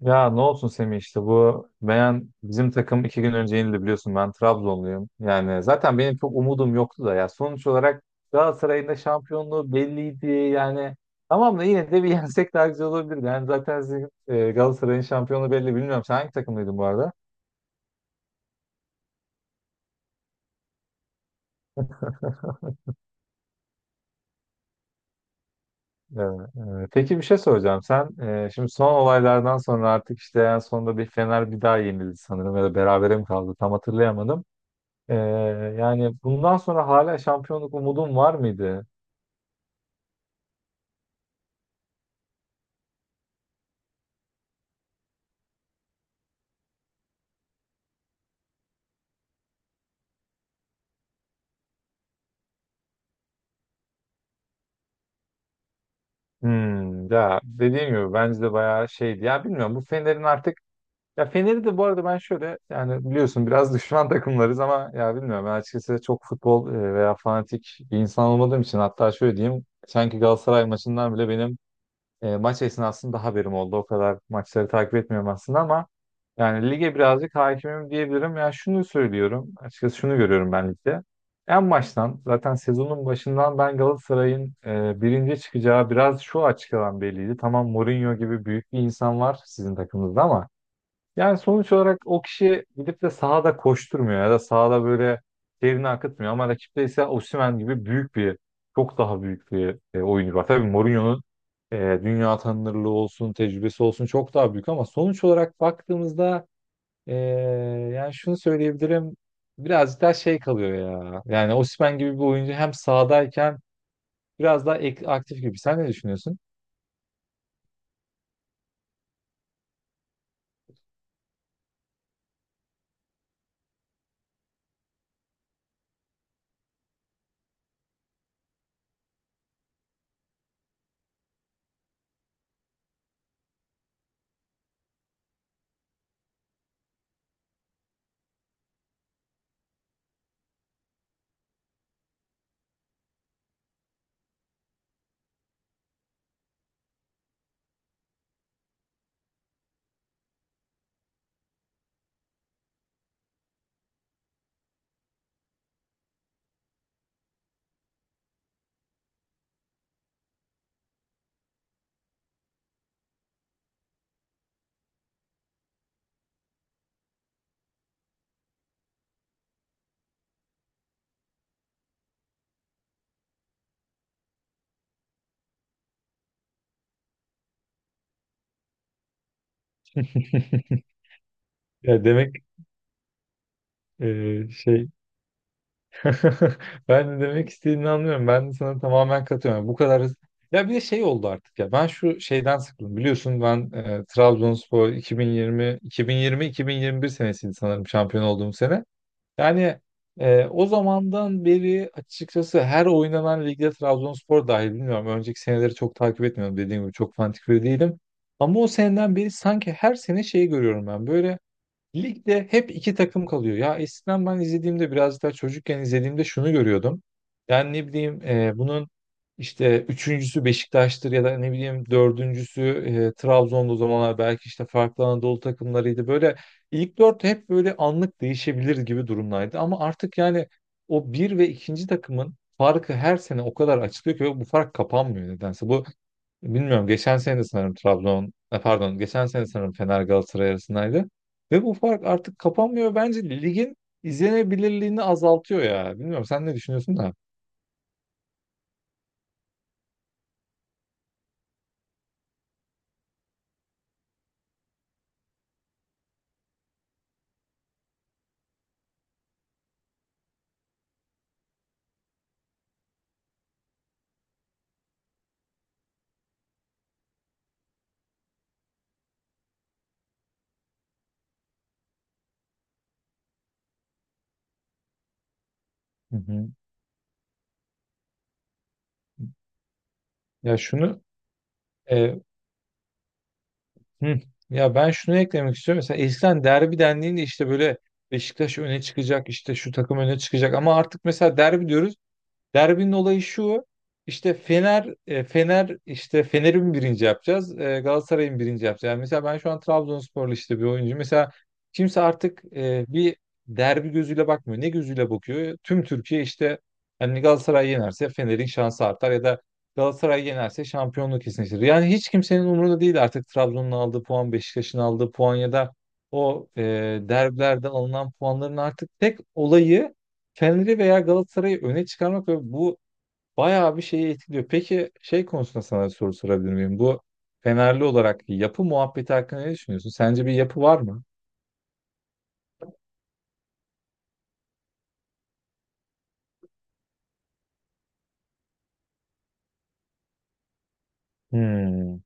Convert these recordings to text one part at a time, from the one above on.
Ya ne olsun Semih, işte bu Meyan bizim takım iki gün önce yenildi, biliyorsun ben Trabzonluyum. Yani zaten benim çok umudum yoktu da, ya sonuç olarak Galatasaray'ın da şampiyonluğu belliydi yani. Tamam da yine de bir yensek daha güzel olabilirdi. Yani zaten sizin, Galatasaray'ın şampiyonluğu belli, bilmiyorum. Sen hangi takımlıydın bu arada? Peki, bir şey soracağım. Sen şimdi son olaylardan sonra artık işte en sonunda bir Fener bir daha yenildi sanırım ya da berabere mi kaldı, tam hatırlayamadım. Ee, Yani bundan sonra hala şampiyonluk umudun var mıydı? Hmm, ya dediğim gibi bence de bayağı şeydi. Ya bilmiyorum bu Fener'in artık, ya Fener'i de bu arada ben şöyle, yani biliyorsun biraz düşman takımlarız ama ya bilmiyorum, ben açıkçası çok futbol veya fanatik bir insan olmadığım için, hatta şöyle diyeyim, sanki Galatasaray maçından bile benim maç esnasında haberim oldu. O kadar maçları takip etmiyorum aslında ama yani lige birazcık hakimim diyebilirim. Ya şunu söylüyorum. Açıkçası şunu görüyorum ben ligde. En baştan zaten, sezonun başından, ben Galatasaray'ın birinci çıkacağı biraz şu açıdan belliydi. Tamam, Mourinho gibi büyük bir insan var sizin takımınızda ama yani sonuç olarak o kişi gidip de sahada koşturmuyor ya da sahada böyle terini akıtmıyor, ama rakipte ise Osimhen gibi büyük bir çok daha büyük bir oyuncu var. Tabii Mourinho'nun dünya tanınırlığı olsun, tecrübesi olsun çok daha büyük ama sonuç olarak baktığımızda e, yani şunu söyleyebilirim, birazcık daha şey kalıyor ya. Yani Osimhen gibi bir oyuncu hem sahadayken biraz daha aktif gibi. Sen ne düşünüyorsun? Ya demek şey... Ben de demek istediğini anlıyorum. Ben de sana tamamen katılıyorum. Bu kadar hızlı. Ya bir de şey oldu artık ya. Ben şu şeyden sıkıldım. Biliyorsun ben Trabzonspor 2020 2021 senesiydi sanırım şampiyon olduğum sene. Yani o zamandan beri açıkçası her oynanan ligde, Trabzonspor dahil, bilmiyorum. Önceki seneleri çok takip etmiyorum. Dediğim gibi çok fanatik biri değilim. Ama o seneden beri sanki her sene şeyi görüyorum ben. Böyle ligde hep iki takım kalıyor. Ya eskiden ben izlediğimde, biraz daha çocukken izlediğimde, şunu görüyordum. Yani ne bileyim bunun işte üçüncüsü Beşiktaş'tır ya da ne bileyim dördüncüsü Trabzon'da, o zamanlar belki işte farklı Anadolu takımlarıydı. Böyle ilk dört hep böyle anlık değişebilir gibi durumdaydı. Ama artık yani o bir ve ikinci takımın farkı her sene o kadar açılıyor ki, ve bu fark kapanmıyor nedense. Bu, bilmiyorum, geçen sene de sanırım Trabzon e, pardon geçen sene sanırım Fener Galatasaray arasındaydı. Ve bu fark artık kapanmıyor. Bence ligin izlenebilirliğini azaltıyor ya. Bilmiyorum, sen ne düşünüyorsun da. Hı hı. Ya şunu e, hı, Ya ben şunu eklemek istiyorum. Mesela eskiden derbi dendiğinde işte böyle Beşiktaş öne çıkacak, işte şu takım öne çıkacak, ama artık mesela derbi diyoruz. Derbinin olayı şu. İşte Fener, Fener'i mi birinci yapacağız, Galatasaray'ı mı birinci yapacağız? Yani mesela ben şu an Trabzonsporlu işte bir oyuncu. Mesela kimse artık bir derbi gözüyle bakmıyor. Ne gözüyle bakıyor? Tüm Türkiye işte hani Galatasaray yenerse Fener'in şansı artar ya da Galatasaray yenerse şampiyonluk kesinleşir. Yani hiç kimsenin umurunda değil artık Trabzon'un aldığı puan, Beşiktaş'ın aldığı puan ya da o derbilerde alınan puanların artık tek olayı Fener'i veya Galatasaray'ı öne çıkarmak, ve bu bayağı bir şeyi etkiliyor. Peki şey konusunda sana soru sorabilir miyim? Bu, Fenerli olarak, yapı muhabbeti hakkında ne düşünüyorsun? Sence bir yapı var mı? Hmm.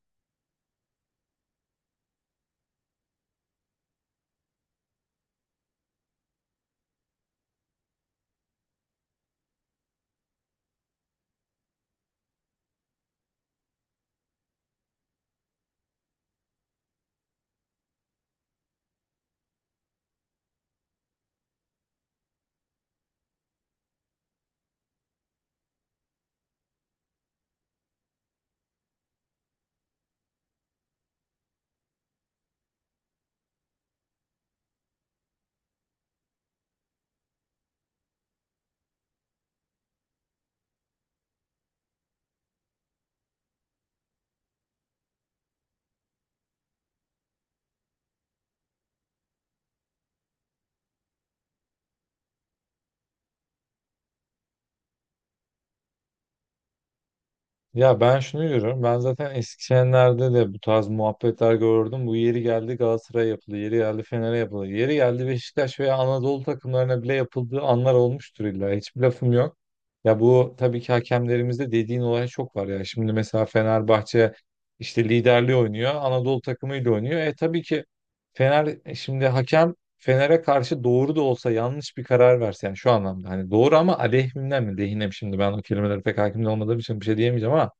Ya ben şunu diyorum. Ben zaten Eskişehir'lerde de bu tarz muhabbetler gördüm. Bu yeri geldi Galatasaray'a yapıldı. Yeri geldi Fener'e yapıldı. Yeri geldi Beşiktaş veya Anadolu takımlarına bile yapıldığı anlar olmuştur illa. Hiçbir lafım yok. Ya bu tabii ki, hakemlerimizde dediğin olay çok var ya. Şimdi mesela Fenerbahçe işte liderliği oynuyor. Anadolu takımıyla oynuyor. Tabii ki, Fener e şimdi hakem Fener'e karşı doğru da olsa yanlış bir karar verse, yani şu anlamda, hani doğru ama aleyhimden mi lehine mi, şimdi ben o kelimelere pek hakim olmadığım için bir şey diyemeyeceğim, ama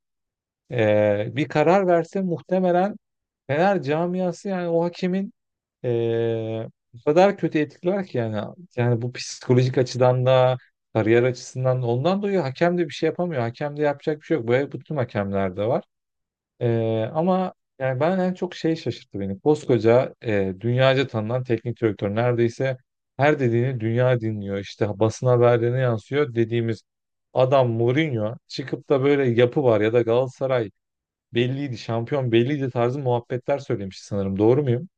bir karar verse muhtemelen Fener camiası, yani o hakemin e, o kadar kötü etkiler ki, yani bu psikolojik açıdan da kariyer açısından da ondan dolayı hakem de bir şey yapamıyor. Hakem de yapacak bir şey yok. Böyle bütün hakemlerde var. Ama yani ben en çok şey şaşırttı beni. Koskoca dünyaca tanınan teknik direktör, neredeyse her dediğini dünya dinliyor. İşte basın haberlerine yansıyor dediğimiz adam Mourinho çıkıp da böyle yapı var ya da Galatasaray belliydi, şampiyon belliydi tarzı muhabbetler söylemiş sanırım. Doğru muyum?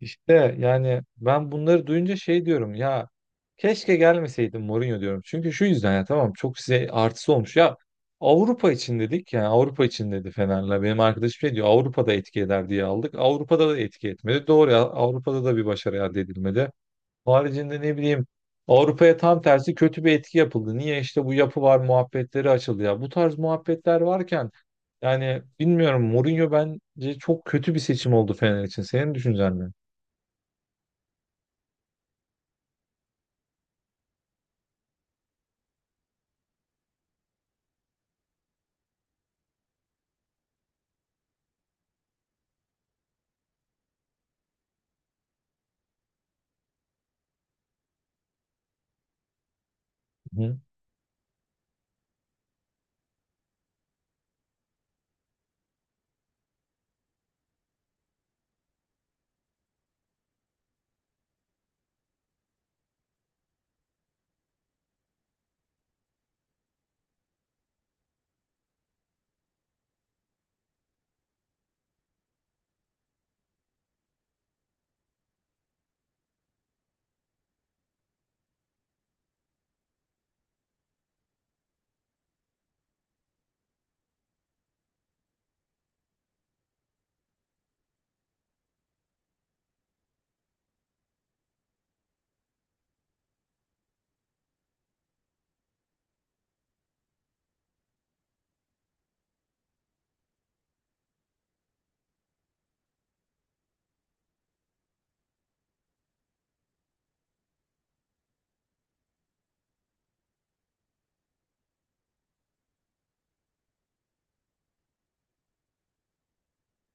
İşte yani ben bunları duyunca şey diyorum ya, keşke gelmeseydim Mourinho diyorum. Çünkü şu yüzden, ya tamam çok size artısı olmuş. Ya Avrupa için dedik, yani Avrupa için dedi Fener'le. Benim arkadaşım şey diyor, Avrupa'da etki eder diye aldık. Avrupa'da da etki etmedi. Doğru, ya Avrupa'da da bir başarı elde edilmedi. Haricinde ne bileyim, Avrupa'ya tam tersi kötü bir etki yapıldı. Niye? İşte bu yapı var muhabbetleri açıldı ya. Bu tarz muhabbetler varken, yani bilmiyorum, Mourinho bence çok kötü bir seçim oldu Fener için. Senin düşüncen ne? Hı.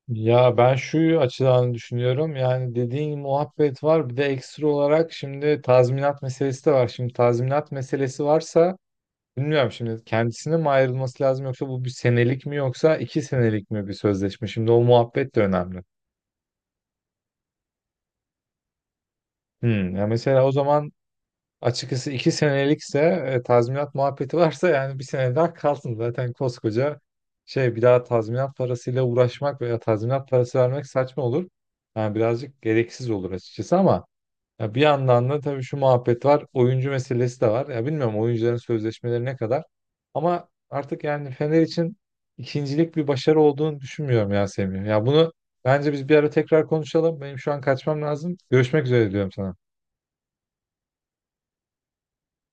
Ya ben şu açıdan düşünüyorum. Yani dediğin muhabbet var. Bir de ekstra olarak şimdi tazminat meselesi de var. Şimdi tazminat meselesi varsa, bilmiyorum, şimdi kendisine mi ayrılması lazım, yoksa bu bir senelik mi yoksa iki senelik mi bir sözleşme? Şimdi o muhabbet de önemli. Hmm, ya mesela o zaman açıkçası iki senelikse, tazminat muhabbeti varsa, yani bir sene daha kalsın. Zaten koskoca şey, bir daha tazminat parasıyla uğraşmak veya tazminat parası vermek saçma olur. Yani birazcık gereksiz olur açıkçası ama ya, bir yandan da tabii şu muhabbet var. Oyuncu meselesi de var. Ya bilmiyorum oyuncuların sözleşmeleri ne kadar. Ama artık yani Fener için ikincilik bir başarı olduğunu düşünmüyorum ya Semih. Ya bunu bence biz bir ara tekrar konuşalım. Benim şu an kaçmam lazım. Görüşmek üzere diyorum sana.